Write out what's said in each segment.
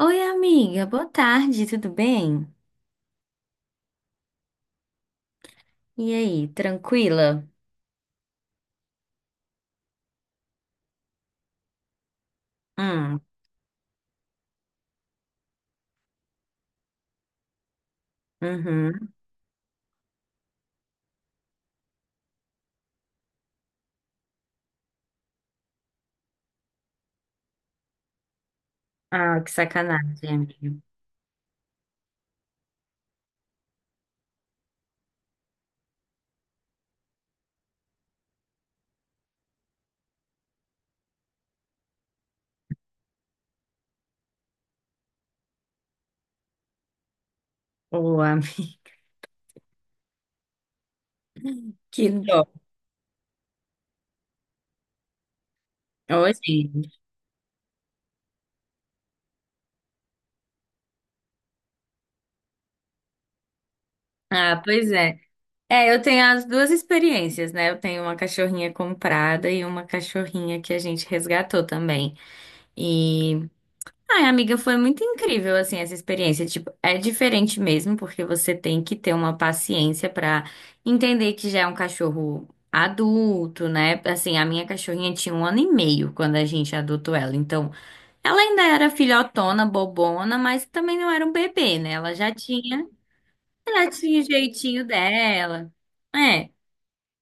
Oi, amiga, boa tarde, tudo bem? E aí, tranquila? Hum. Uhum. Ah, que sacanagem, amiga. Ô, amiga, que dó. Ô, gente. Ah, pois é. É, eu tenho as duas experiências, né? Eu tenho uma cachorrinha comprada e uma cachorrinha que a gente resgatou também. E Ai, amiga, foi muito incrível, assim, essa experiência. Tipo, é diferente mesmo, porque você tem que ter uma paciência pra entender que já é um cachorro adulto, né? Assim, a minha cachorrinha tinha um ano e meio quando a gente adotou ela. Então, ela ainda era filhotona, bobona, mas também não era um bebê, né? Ela já tinha o jeitinho dela. É.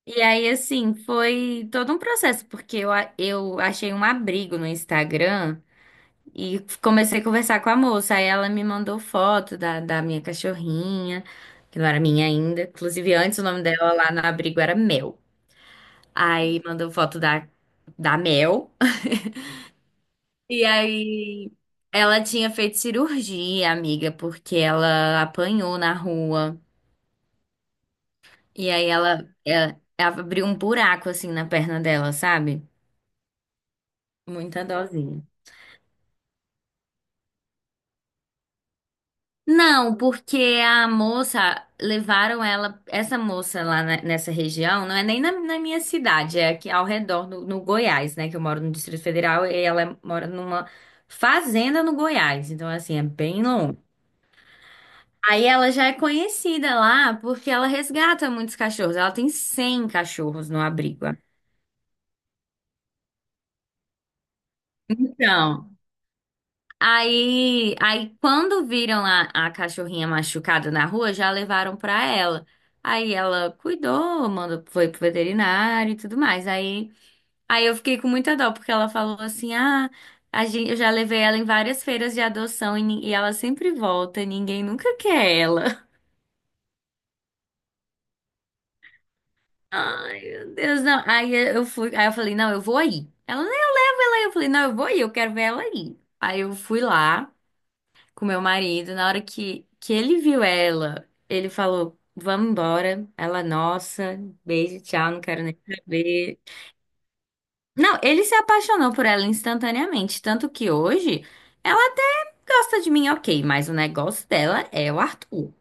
E aí, assim, foi todo um processo, porque eu achei um abrigo no Instagram. E comecei a conversar com a moça. Aí ela me mandou foto da minha cachorrinha, que não era minha ainda. Inclusive, antes o nome dela lá no abrigo era Mel. Aí mandou foto da Mel. E aí ela tinha feito cirurgia, amiga, porque ela apanhou na rua. E aí ela abriu um buraco assim na perna dela, sabe? Muita dosinha. Não, porque a moça, levaram ela, essa moça lá nessa região, não é nem na, na minha cidade, é aqui ao redor, no Goiás, né? Que eu moro no Distrito Federal e ela mora numa fazenda no Goiás, então assim, é bem longe. Aí ela já é conhecida lá porque ela resgata muitos cachorros, ela tem 100 cachorros no abrigo. Então. Aí quando viram a cachorrinha machucada na rua, já levaram pra ela. Aí ela cuidou, mandou, foi pro veterinário e tudo mais. Aí eu fiquei com muita dó, porque ela falou assim: ah, eu já levei ela em várias feiras de adoção e, e ela sempre volta, ninguém nunca quer ela. Ai, meu Deus, não. Aí eu fui, aí eu falei, não, eu vou aí. Ela, não, eu levo ela aí. Eu falei, não, eu vou aí, eu quero ver ela aí. Aí eu fui lá com meu marido. Na hora que ele viu ela, ele falou: Vamos embora. Ela, nossa, beijo, tchau, não quero nem saber. Não, ele se apaixonou por ela instantaneamente. Tanto que hoje ela até gosta de mim, ok, mas o negócio dela é o Arthur.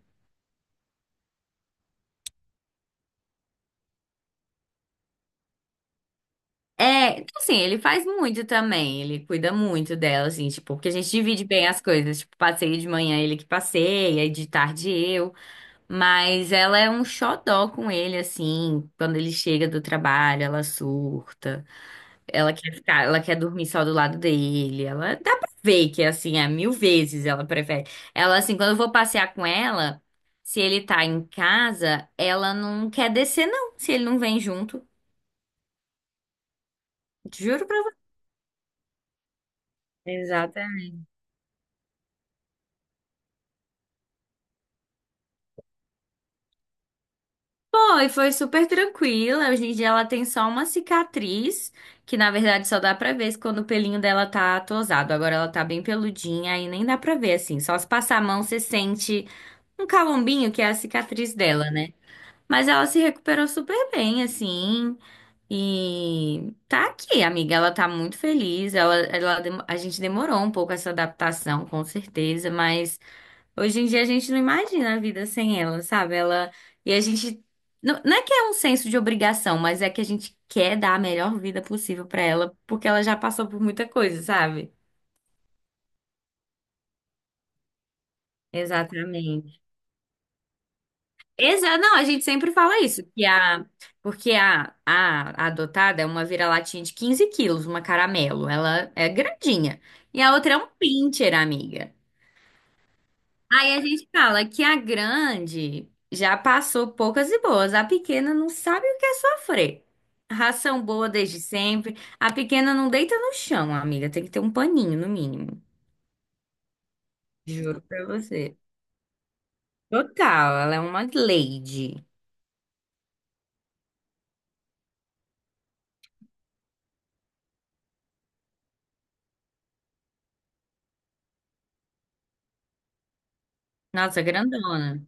É, assim, ele faz muito também, ele cuida muito dela, assim, tipo, porque a gente divide bem as coisas, tipo, passeio de manhã ele que passeia, e de tarde eu. Mas ela é um xodó com ele, assim. Quando ele chega do trabalho, ela surta. Ela quer ficar, ela quer dormir só do lado dele. Ela dá pra ver que, assim, é mil vezes ela prefere. Ela, assim, quando eu vou passear com ela, se ele tá em casa, ela não quer descer, não. Se ele não vem junto. Juro pra você. Exatamente. Foi super tranquila. Hoje em dia ela tem só uma cicatriz, que na verdade só dá pra ver quando o pelinho dela tá tosado. Agora ela tá bem peludinha aí nem dá pra ver assim. Só se passar a mão você sente um calombinho que é a cicatriz dela, né? Mas ela se recuperou super bem, assim. E tá aqui, amiga. Ela tá muito feliz. A gente demorou um pouco essa adaptação, com certeza, mas. Hoje em dia a gente não imagina a vida sem ela, sabe? Ela e a gente não, não é que é um senso de obrigação, mas é que a gente quer dar a melhor vida possível pra ela, porque ela já passou por muita coisa, sabe? Exatamente. Não, a gente sempre fala isso, que a porque a adotada é uma vira-latinha de 15 quilos, uma caramelo, ela é grandinha. E a outra é um pincher, amiga. Aí a gente fala que a grande já passou poucas e boas, a pequena não sabe o que é sofrer. Ração boa desde sempre, a pequena não deita no chão, amiga, tem que ter um paninho no mínimo. Juro pra você. Total, ela é uma lady. Nossa, grandona.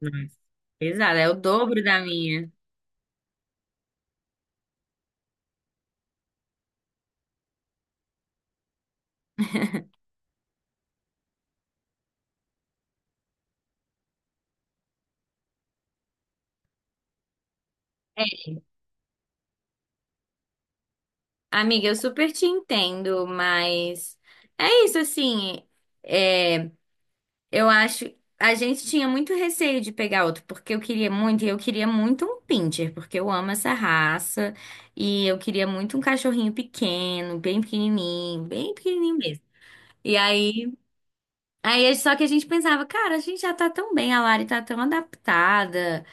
Nossa, pesada, é o dobro da minha. É, amiga, eu super te entendo, mas é isso assim. É, eu acho. A gente tinha muito receio de pegar outro, porque eu queria muito, e eu queria muito um pincher, porque eu amo essa raça, e eu queria muito um cachorrinho pequeno, bem pequenininho mesmo. E aí, só que a gente pensava, cara, a gente já tá tão bem, a Lari tá tão adaptada,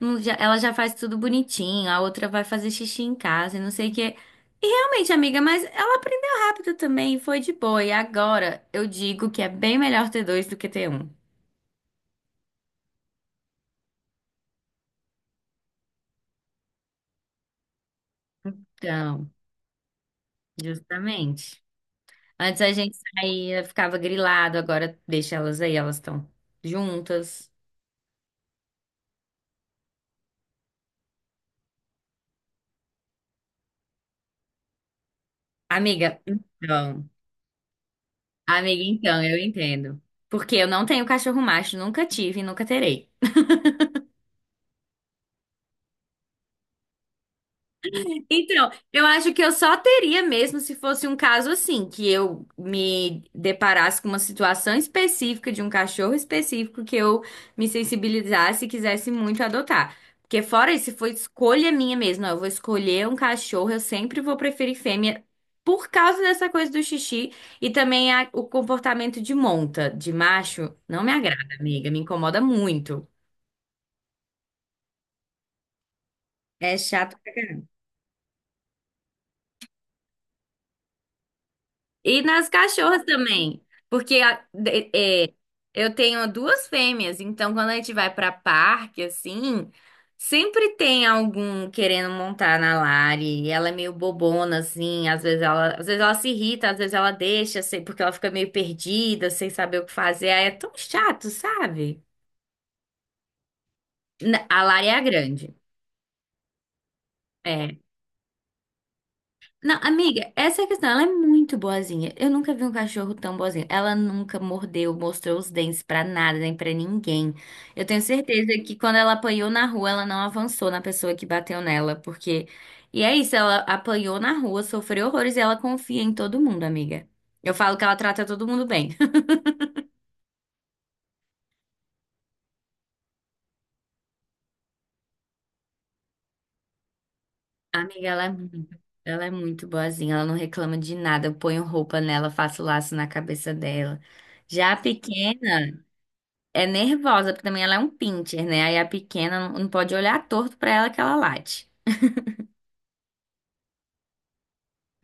ela já faz tudo bonitinho, a outra vai fazer xixi em casa, e não sei o quê. E realmente, amiga, mas ela aprendeu rápido também, e foi de boa. E agora eu digo que é bem melhor ter dois do que ter um. Então. Justamente. Antes a gente saía, ficava grilado, agora deixa elas aí, elas estão juntas. Amiga, então, amiga, então, eu entendo. Porque eu não tenho cachorro macho, nunca tive e nunca terei. Então, eu acho que eu só teria mesmo se fosse um caso assim, que eu me deparasse com uma situação específica de um cachorro específico que eu me sensibilizasse e quisesse muito adotar. Porque fora isso, se for escolha minha mesmo, ó, eu vou escolher um cachorro, eu sempre vou preferir fêmea por causa dessa coisa do xixi e também o comportamento de monta, de macho, não me agrada, amiga, me incomoda muito. É chato. E nas cachorras também, porque eu tenho duas fêmeas, então quando a gente vai pra parque, assim, sempre tem algum querendo montar na Lari, e ela é meio bobona, assim, às vezes ela se irrita, às vezes ela deixa, assim, porque ela fica meio perdida, sem saber o que fazer, aí é tão chato, sabe? A Lari é a grande, é. Não, amiga, essa é a questão. Ela é muito boazinha. Eu nunca vi um cachorro tão boazinho. Ela nunca mordeu, mostrou os dentes pra nada, nem pra ninguém. Eu tenho certeza que quando ela apanhou na rua, ela não avançou na pessoa que bateu nela, porque. E é isso, ela apanhou na rua, sofreu horrores e ela confia em todo mundo, amiga. Eu falo que ela trata todo mundo bem. Amiga, ela é muito boazinha, ela não reclama de nada. Eu ponho roupa nela, faço laço na cabeça dela. Já a pequena. É nervosa, porque também ela é um pincher, né? Aí a pequena não pode olhar torto pra ela que ela late.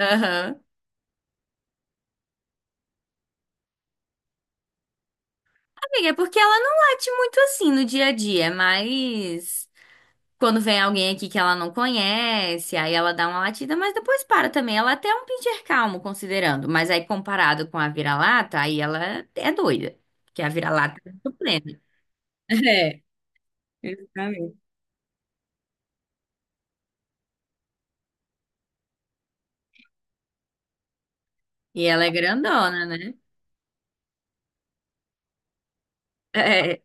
Aham. Amiga, é porque ela não late muito assim no dia a dia, mas quando vem alguém aqui que ela não conhece, aí ela dá uma latida, mas depois para também. Ela até é um pincher calmo, considerando, mas aí comparado com a vira-lata, aí ela é doida, porque a vira-lata é muito plena. É, exatamente. E ela é grandona, né? É.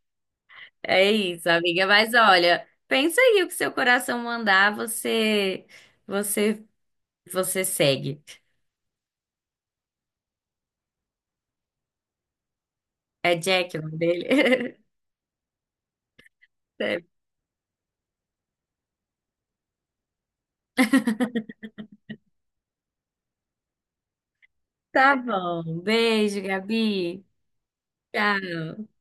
É isso, amiga. Mas olha, pensa aí o que seu coração mandar, você, você segue. É Jack o nome dele? Tá bom. Beijo, Gabi. Tchau.